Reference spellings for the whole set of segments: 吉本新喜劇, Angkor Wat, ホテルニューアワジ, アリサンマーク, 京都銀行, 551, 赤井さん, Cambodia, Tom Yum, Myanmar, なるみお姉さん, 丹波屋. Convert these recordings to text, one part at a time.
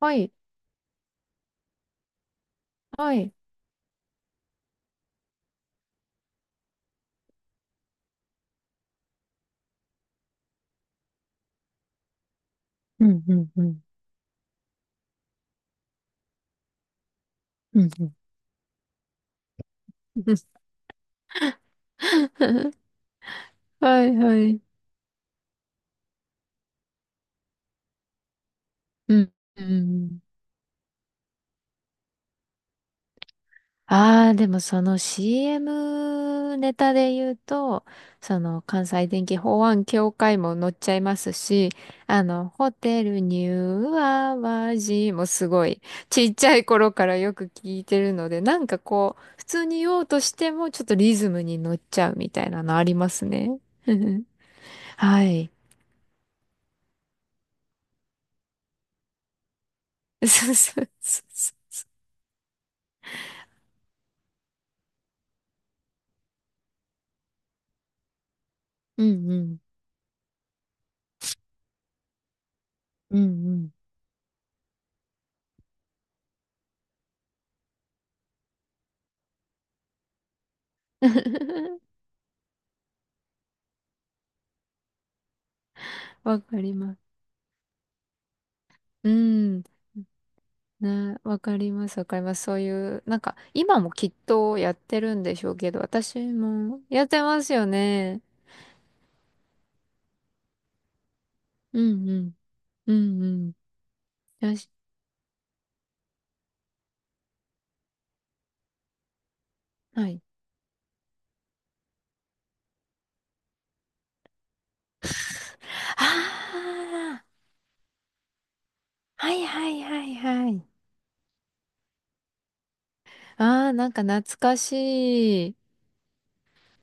はい、はい。うん、うん、うん、うん、うん。はいはい。うん、うん。ああ、でもその CM ネタで言うと、その関西電気法案協会も載っちゃいますし、あの、ホテルニューアワジもすごいちっちゃい頃からよく聞いてるので、なんかこう、普通に言おうとしてもちょっとリズムに乗っちゃうみたいなのありますね。はい。そうそうそう、うんうん。うんうん。わかります。うん。ね、わかります、わかります。そういう、なんか、今もきっとやってるんでしょうけど、私もやってますよね。うんうん。うんうん。よし。はい。ああ、はいはいはいはい。ああ、なんか懐かしい。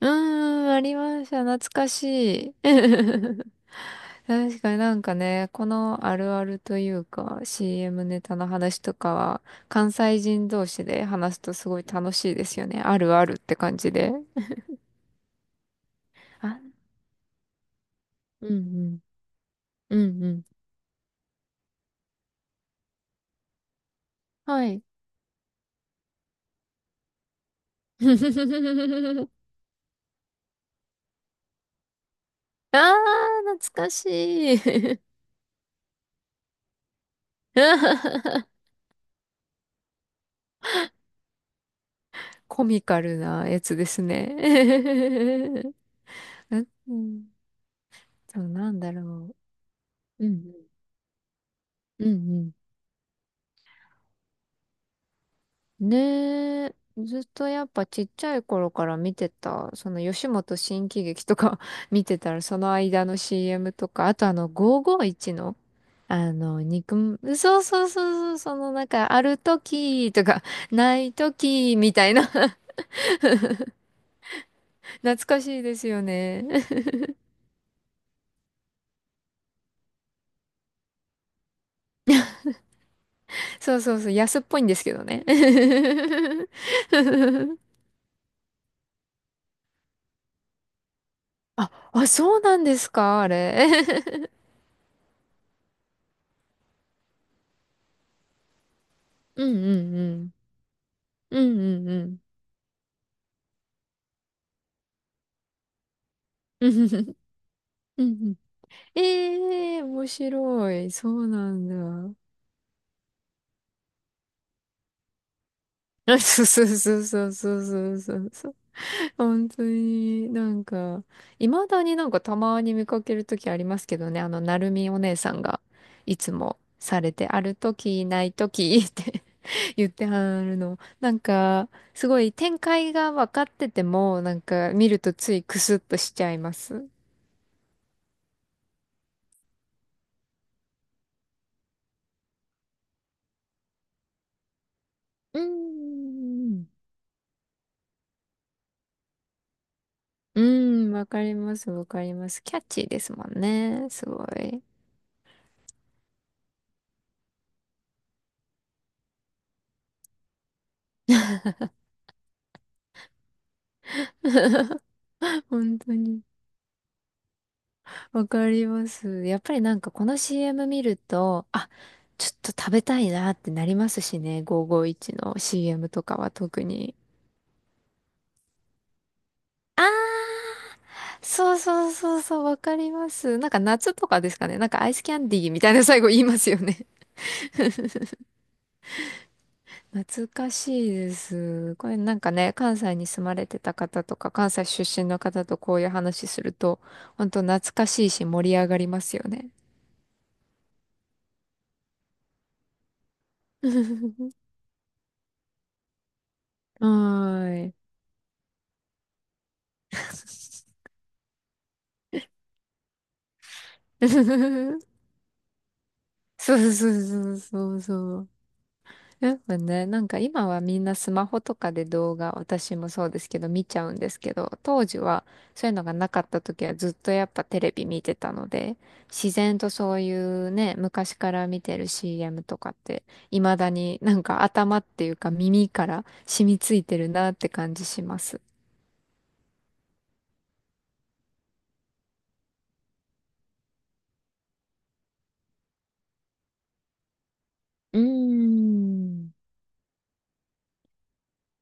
うーん、ありました。懐かしい。確かになんかね、このあるあるというか CM ネタの話とかは関西人同士で話すとすごい楽しいですよね。あるあるって感じで。あ、うんうん。うんうん。はい。あー、懐かしい。コミカルなやつですね。うん、そう、なんだろう。うんうん。うんうん。ねえ、ずっとやっぱちっちゃい頃から見てた、その吉本新喜劇とか 見てたら、その間の CM とか、あとあの551の、あの、そうそうそうそう、そのなんか、ある時とか、ない時みたいな。 懐かしいですよね。そうそうそう、安っぽいんですけどね。あ、あ、そうなんですか、あれ。うんうんうん。うんうんうん。うんうんうん。ええ、面白い。そうなんだ。そうそうそうそうそうそうそうそう。本当になんか、いまだになんかたまに見かけるときありますけどね、あの、なるみお姉さんがいつもされて、あるとき、ないときって 言ってはるの。なんか、すごい展開が分かってても、なんか見るとついクスッとしちゃいます。うーん。うん、わかります、わかります。キャッチーですもんね。すごい。本当に。わかります。やっぱりなんかこの CM 見ると、あ、ちょっと食べたいなってなりますしね。551の CM とかは特に。そうそうそうそう、わかります。なんか夏とかですかね。なんかアイスキャンディーみたいな最後言いますよね。難しいです。これなんかね、関西に住まれてた方とか、関西出身の方とこういう話すると、本当懐かしいし盛り上がりますよね。はーい。そうそうそうそうそう。やっぱね、なんか今はみんなスマホとかで動画、私もそうですけど見ちゃうんですけど、当時はそういうのがなかった時はずっとやっぱテレビ見てたので、自然とそういうね、昔から見てる CM とかって、未だになんか頭っていうか耳から染みついてるなって感じします。うーん。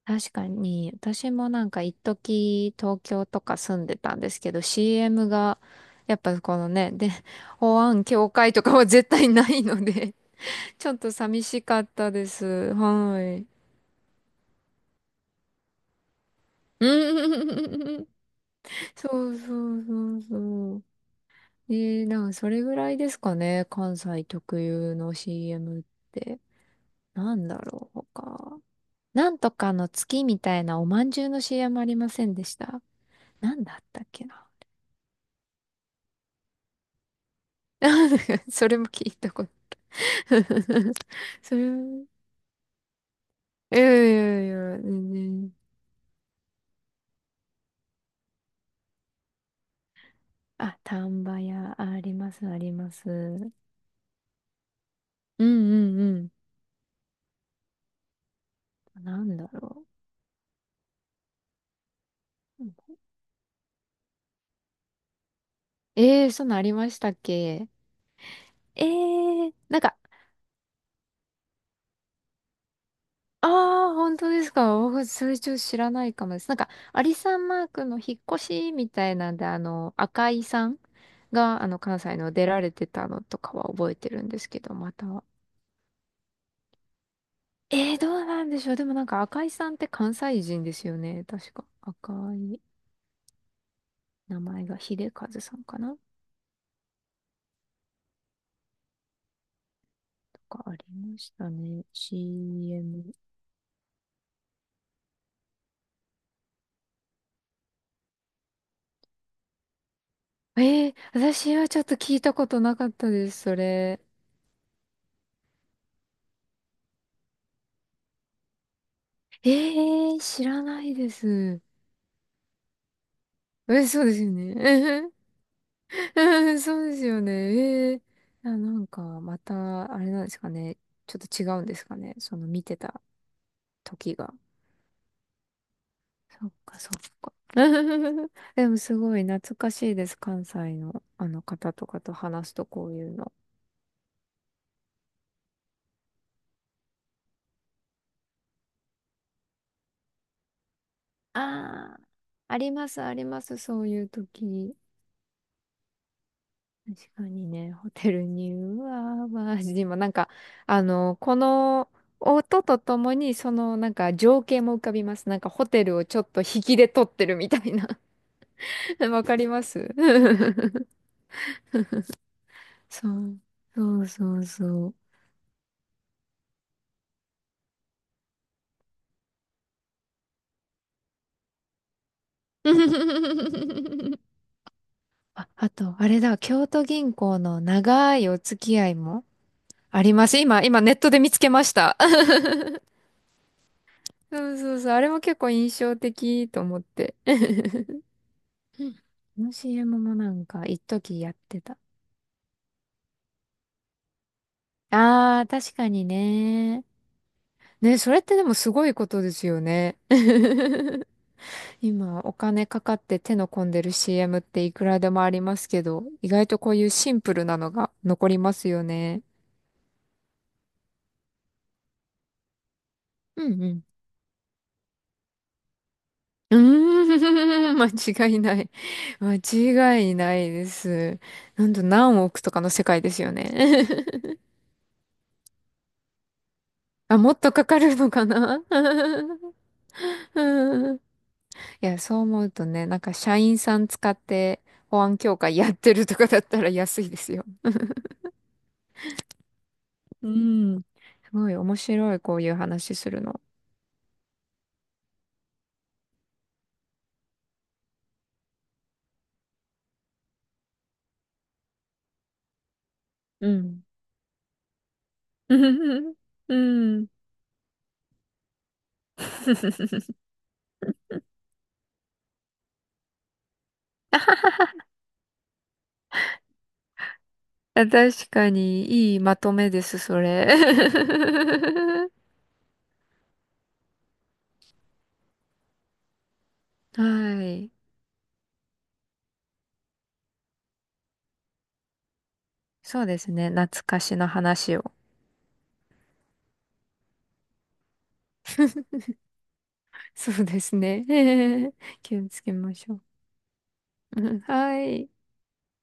確かに、私もなんか一時東京とか住んでたんですけど、CM が、やっぱこのね、で、保安協会とかは絶対ないので、ちょっと寂しかったです。はい。うん。そうそうそうそう。えー、なんかそれぐらいですかね、関西特有の CM って。なんだろう、他。なんとかの月みたいなおまんじゅうの CM ありませんでした？なんだったっけな。それも聞いたこと。それも、いやいやいや、全然。あ、丹波屋、あります、あります。うんうんうん。なんだろう。えー、そんなんありましたっけ？えー、なんか、ああ、本当ですか？僕、それちょっと知らないかもです。なんか、アリサンマークの引っ越しみたいなんで、あの、赤井さんが、あの、関西の出られてたのとかは覚えてるんですけど、また。えー、どうなんでしょう。でもなんか赤井さんって関西人ですよね。確か。赤い名前が秀和さんかなとかありましたね。CM。えー、私はちょっと聞いたことなかったです、それ。えー、知らないです。え、そうですよね。うん、そうですよね。えー、あ、なんかまた、あれなんですかね。ちょっと違うんですかね。その見てた時が。そっかそっか。でもすごい懐かしいです。関西のあの方とかと話すとこういうの。ああ、ありますあります。そういう時。確かにね、ホテルに、うわー、マジで今なんか、あの、この音とともに、そのなんか情景も浮かびます。なんかホテルをちょっと引きで撮ってるみたいな。わかります。 そう、そうそうそう。あ、あと、あれだ、京都銀行の長いお付き合いもあります。今ネットで見つけました。そうそうそう、あれも結構印象的と思って。うん、こ の CM もなんか、一時やってた。あー、確かにね。ね、それってでもすごいことですよね。今、お金かかって手の込んでる CM っていくらでもありますけど、意外とこういうシンプルなのが残りますよね。うんうん。うーん、間違いない。間違いないです。なんと何億とかの世界ですよね。あ、もっとかかるのかな。 うん、いや、そう思うとね、なんか社員さん使って保安協会やってるとかだったら安いですよ。うん。すごい面白い、こういう話するの。うん。うん。あ、確かに、いいまとめです、それ。はい。そうですね。懐かしの話を。そうですね。気をつけましょう。うん、はい。